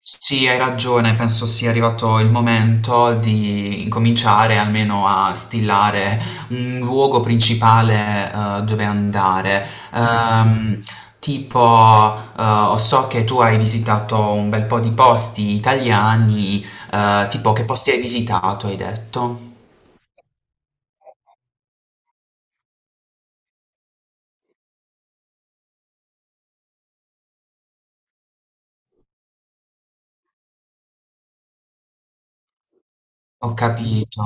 Sì, hai ragione, penso sia arrivato il momento di incominciare almeno a stilare un luogo principale, dove andare. Ehm, tipo, so che tu hai visitato un bel po' di posti italiani, tipo che posti hai visitato hai detto? Ho capito.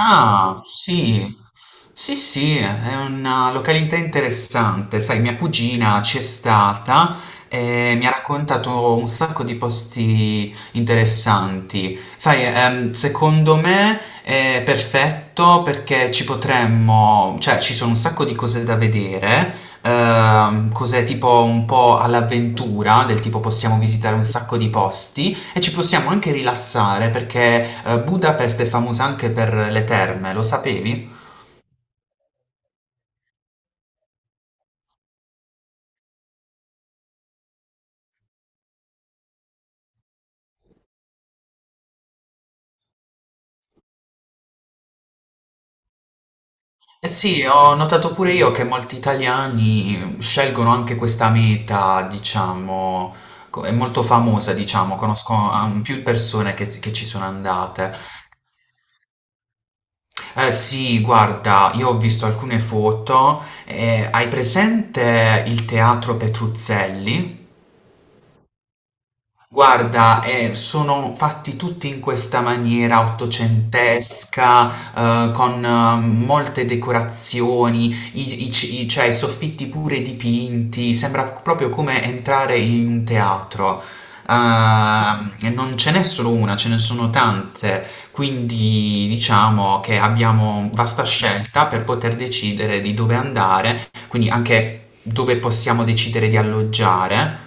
Ah, sì, sì, sì, è una località interessante. Sai, mia cugina c'è stata e mi ha raccontato un sacco di posti interessanti. Sai, secondo me è perfetto perché ci potremmo, cioè ci sono un sacco di cose da vedere, cose tipo un po' all'avventura, del tipo possiamo visitare un sacco di posti. E ci possiamo anche rilassare perché Budapest è famosa anche per le terme, lo sapevi? Eh sì, ho notato pure io che molti italiani scelgono anche questa meta, diciamo, è molto famosa, diciamo, conosco più persone che ci sono andate. Eh sì, guarda, io ho visto alcune foto, hai presente il teatro Petruzzelli? Guarda, sono fatti tutti in questa maniera ottocentesca, con molte decorazioni, cioè, i soffitti pure dipinti, sembra proprio come entrare in un teatro. E non ce n'è solo una, ce ne sono tante, quindi diciamo che abbiamo vasta scelta per poter decidere di dove andare, quindi anche dove possiamo decidere di alloggiare.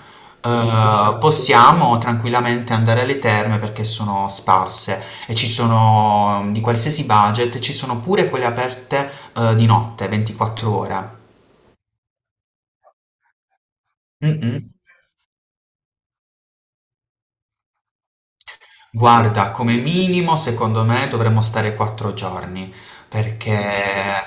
Possiamo tranquillamente andare alle terme perché sono sparse e ci sono di qualsiasi budget, ci sono pure quelle aperte, di notte, 24 ore. Mm-mm. Guarda, come minimo secondo me dovremmo stare 4 giorni, perché,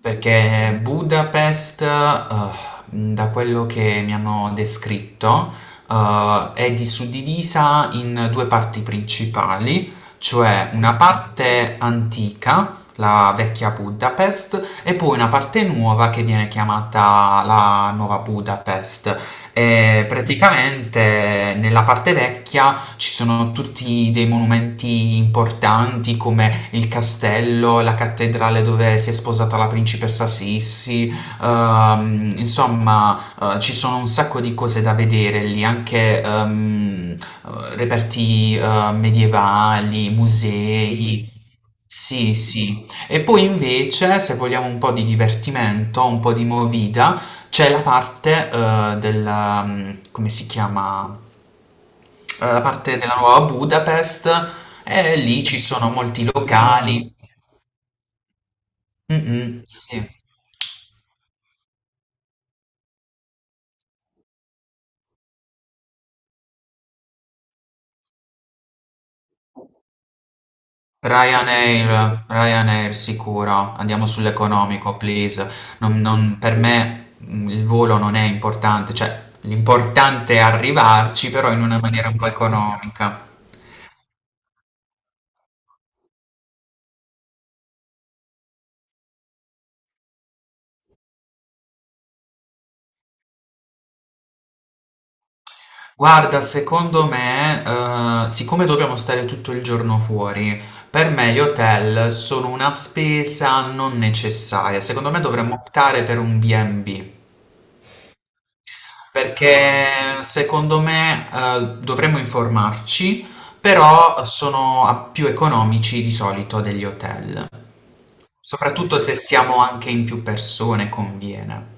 perché Budapest, da quello che mi hanno descritto, è suddivisa in due parti principali, cioè una parte antica, la vecchia Budapest, e poi una parte nuova che viene chiamata la nuova Budapest. E praticamente nella parte vecchia ci sono tutti dei monumenti importanti come il castello, la cattedrale dove si è sposata la principessa Sissi, insomma, ci sono un sacco di cose da vedere lì, anche reperti medievali, musei. Sì, sì. E poi invece, se vogliamo un po' di divertimento, un po' di movida, c'è la parte come si chiama? Da parte della nuova Budapest e lì ci sono molti locali. Mh-mh, sì. Ryanair sicuro, andiamo sull'economico, please. Non per me, il volo non è importante, cioè l'importante è arrivarci, però in una maniera un po' economica. Guarda, secondo me, siccome dobbiamo stare tutto il giorno fuori, per me gli hotel sono una spesa non necessaria. Secondo me dovremmo optare per un B&B, perché secondo me, dovremmo informarci, però sono più economici di solito degli hotel, soprattutto se siamo anche in più persone, conviene.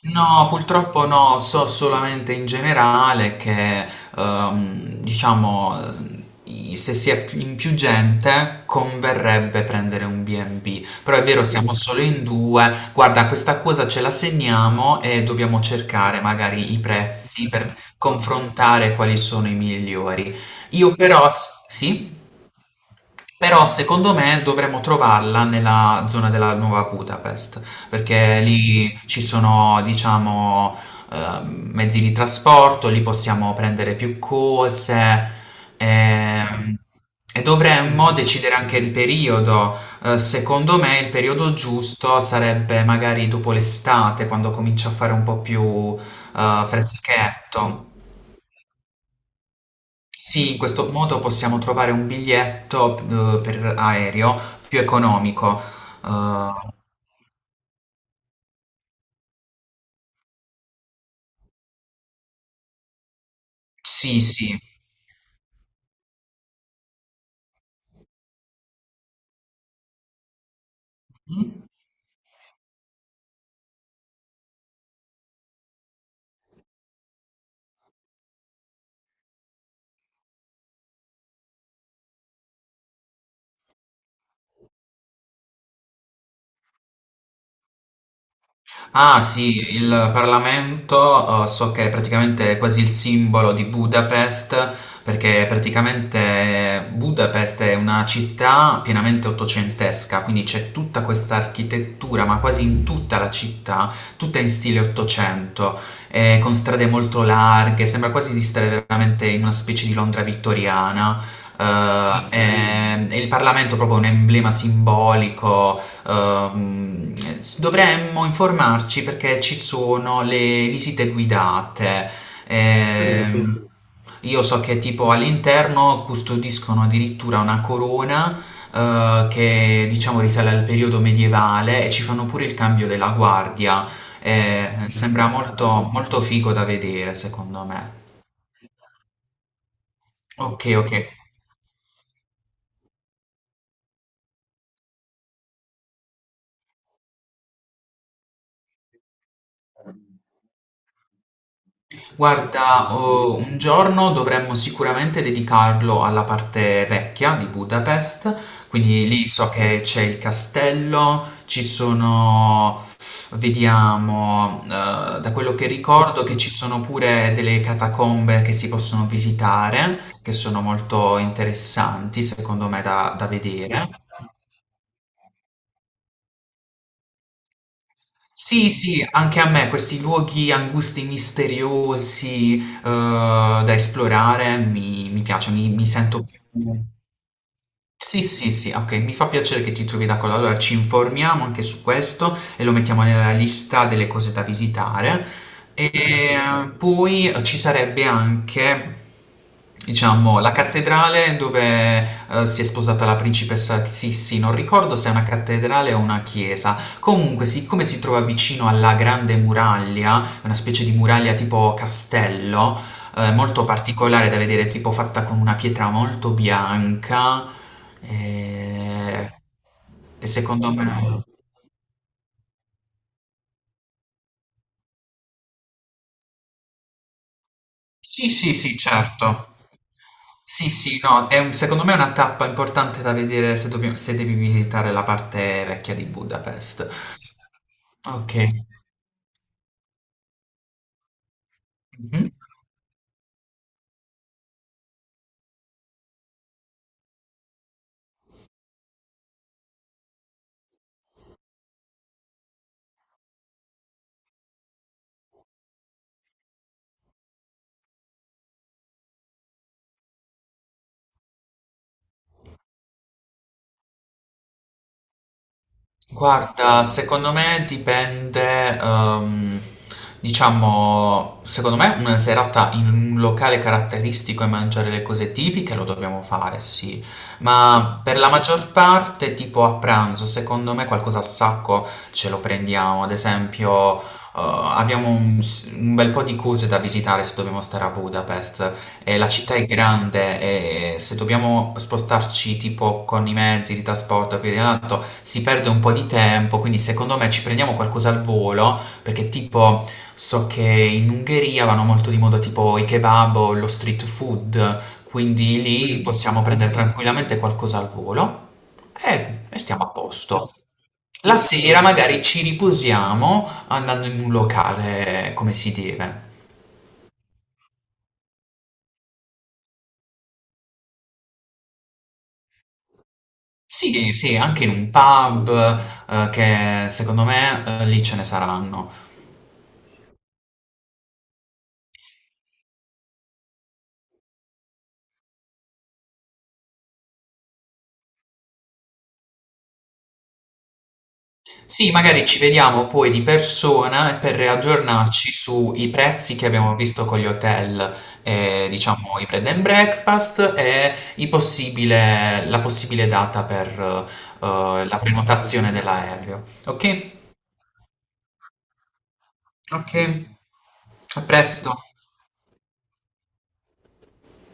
No, purtroppo no, so solamente in generale che, diciamo, se si è in più gente converrebbe prendere un B&B, però è vero, siamo, sì, solo in due. Guarda, questa cosa ce la segniamo e dobbiamo cercare magari i prezzi per confrontare quali sono i migliori. Io però, sì? Però secondo me dovremmo trovarla nella zona della Nuova Budapest, perché lì ci sono, diciamo, mezzi di trasporto, lì possiamo prendere più cose. ehm, E dovremmo decidere anche il periodo. Secondo me il periodo giusto sarebbe magari dopo l'estate, quando comincia a fare un po' più freschetto. Sì, in questo modo possiamo trovare un biglietto, per aereo più economico. Uhm, sì, sì. Mh. Ah sì, il Parlamento so che è praticamente quasi il simbolo di Budapest, perché praticamente Budapest è una città pienamente ottocentesca, quindi c'è tutta questa architettura, ma quasi in tutta la città, tutta in stile ottocento, con strade molto larghe, sembra quasi di stare veramente in una specie di Londra vittoriana. eh, Ah, che bello. E il Parlamento è proprio un emblema simbolico. Ehm, Dovremmo informarci perché ci sono le visite guidate. Mm, sì. Sì. Io so che tipo all'interno custodiscono addirittura una corona che diciamo risale al periodo medievale e ci fanno pure il cambio della guardia. Sembra molto, molto figo da vedere, secondo me. Ok, ok. Guarda, oh, un giorno dovremmo sicuramente dedicarlo alla parte vecchia di Budapest, quindi lì so che c'è il castello, ci sono, vediamo, da quello che ricordo che ci sono pure delle catacombe che si possono visitare, che sono molto interessanti secondo me da vedere. Sì, sì, anche a me questi luoghi angusti, misteriosi, da esplorare mi piacciono, mi sento più, sì, sì, sì, ok, mi fa piacere che ti trovi d'accordo. Allora ci informiamo anche su questo e lo mettiamo nella lista delle cose da visitare. E poi ci sarebbe anche, diciamo, la cattedrale dove si è sposata la principessa Sissi. Non ricordo se è una cattedrale o una chiesa. Comunque, siccome si trova vicino alla Grande Muraglia, una specie di muraglia tipo castello, molto particolare da vedere, tipo fatta con una pietra molto bianca, ehm, e secondo me sì, sì, sì, certo. Sì, sì, no, secondo me è una tappa importante da vedere se devi visitare la parte vecchia di Budapest. Ok. Mhm. Guarda, secondo me dipende, diciamo, secondo me una serata in un locale caratteristico e mangiare le cose tipiche lo dobbiamo fare, sì, ma per la maggior parte, tipo a pranzo, secondo me qualcosa a sacco ce lo prendiamo, ad esempio. Abbiamo un bel po' di cose da visitare se dobbiamo stare a Budapest, la città è grande e se dobbiamo spostarci tipo con i mezzi di trasporto e via di là, si perde un po' di tempo, quindi secondo me ci prendiamo qualcosa al volo, perché tipo so che in Ungheria vanno molto di moda tipo i kebab o lo street food, quindi lì possiamo prendere, ok, tranquillamente qualcosa al volo e stiamo a posto. La, giusto, sera, giusto, magari ci riposiamo andando in un locale come si deve. Sì, sì, anche in un pub, che secondo me, lì ce ne saranno. Sì, magari ci vediamo poi di persona e per riaggiornarci sui prezzi che abbiamo visto con gli hotel, diciamo i bed and breakfast e i possibile la possibile data per, la prenotazione dell'aereo. Okay? Okay. A presto.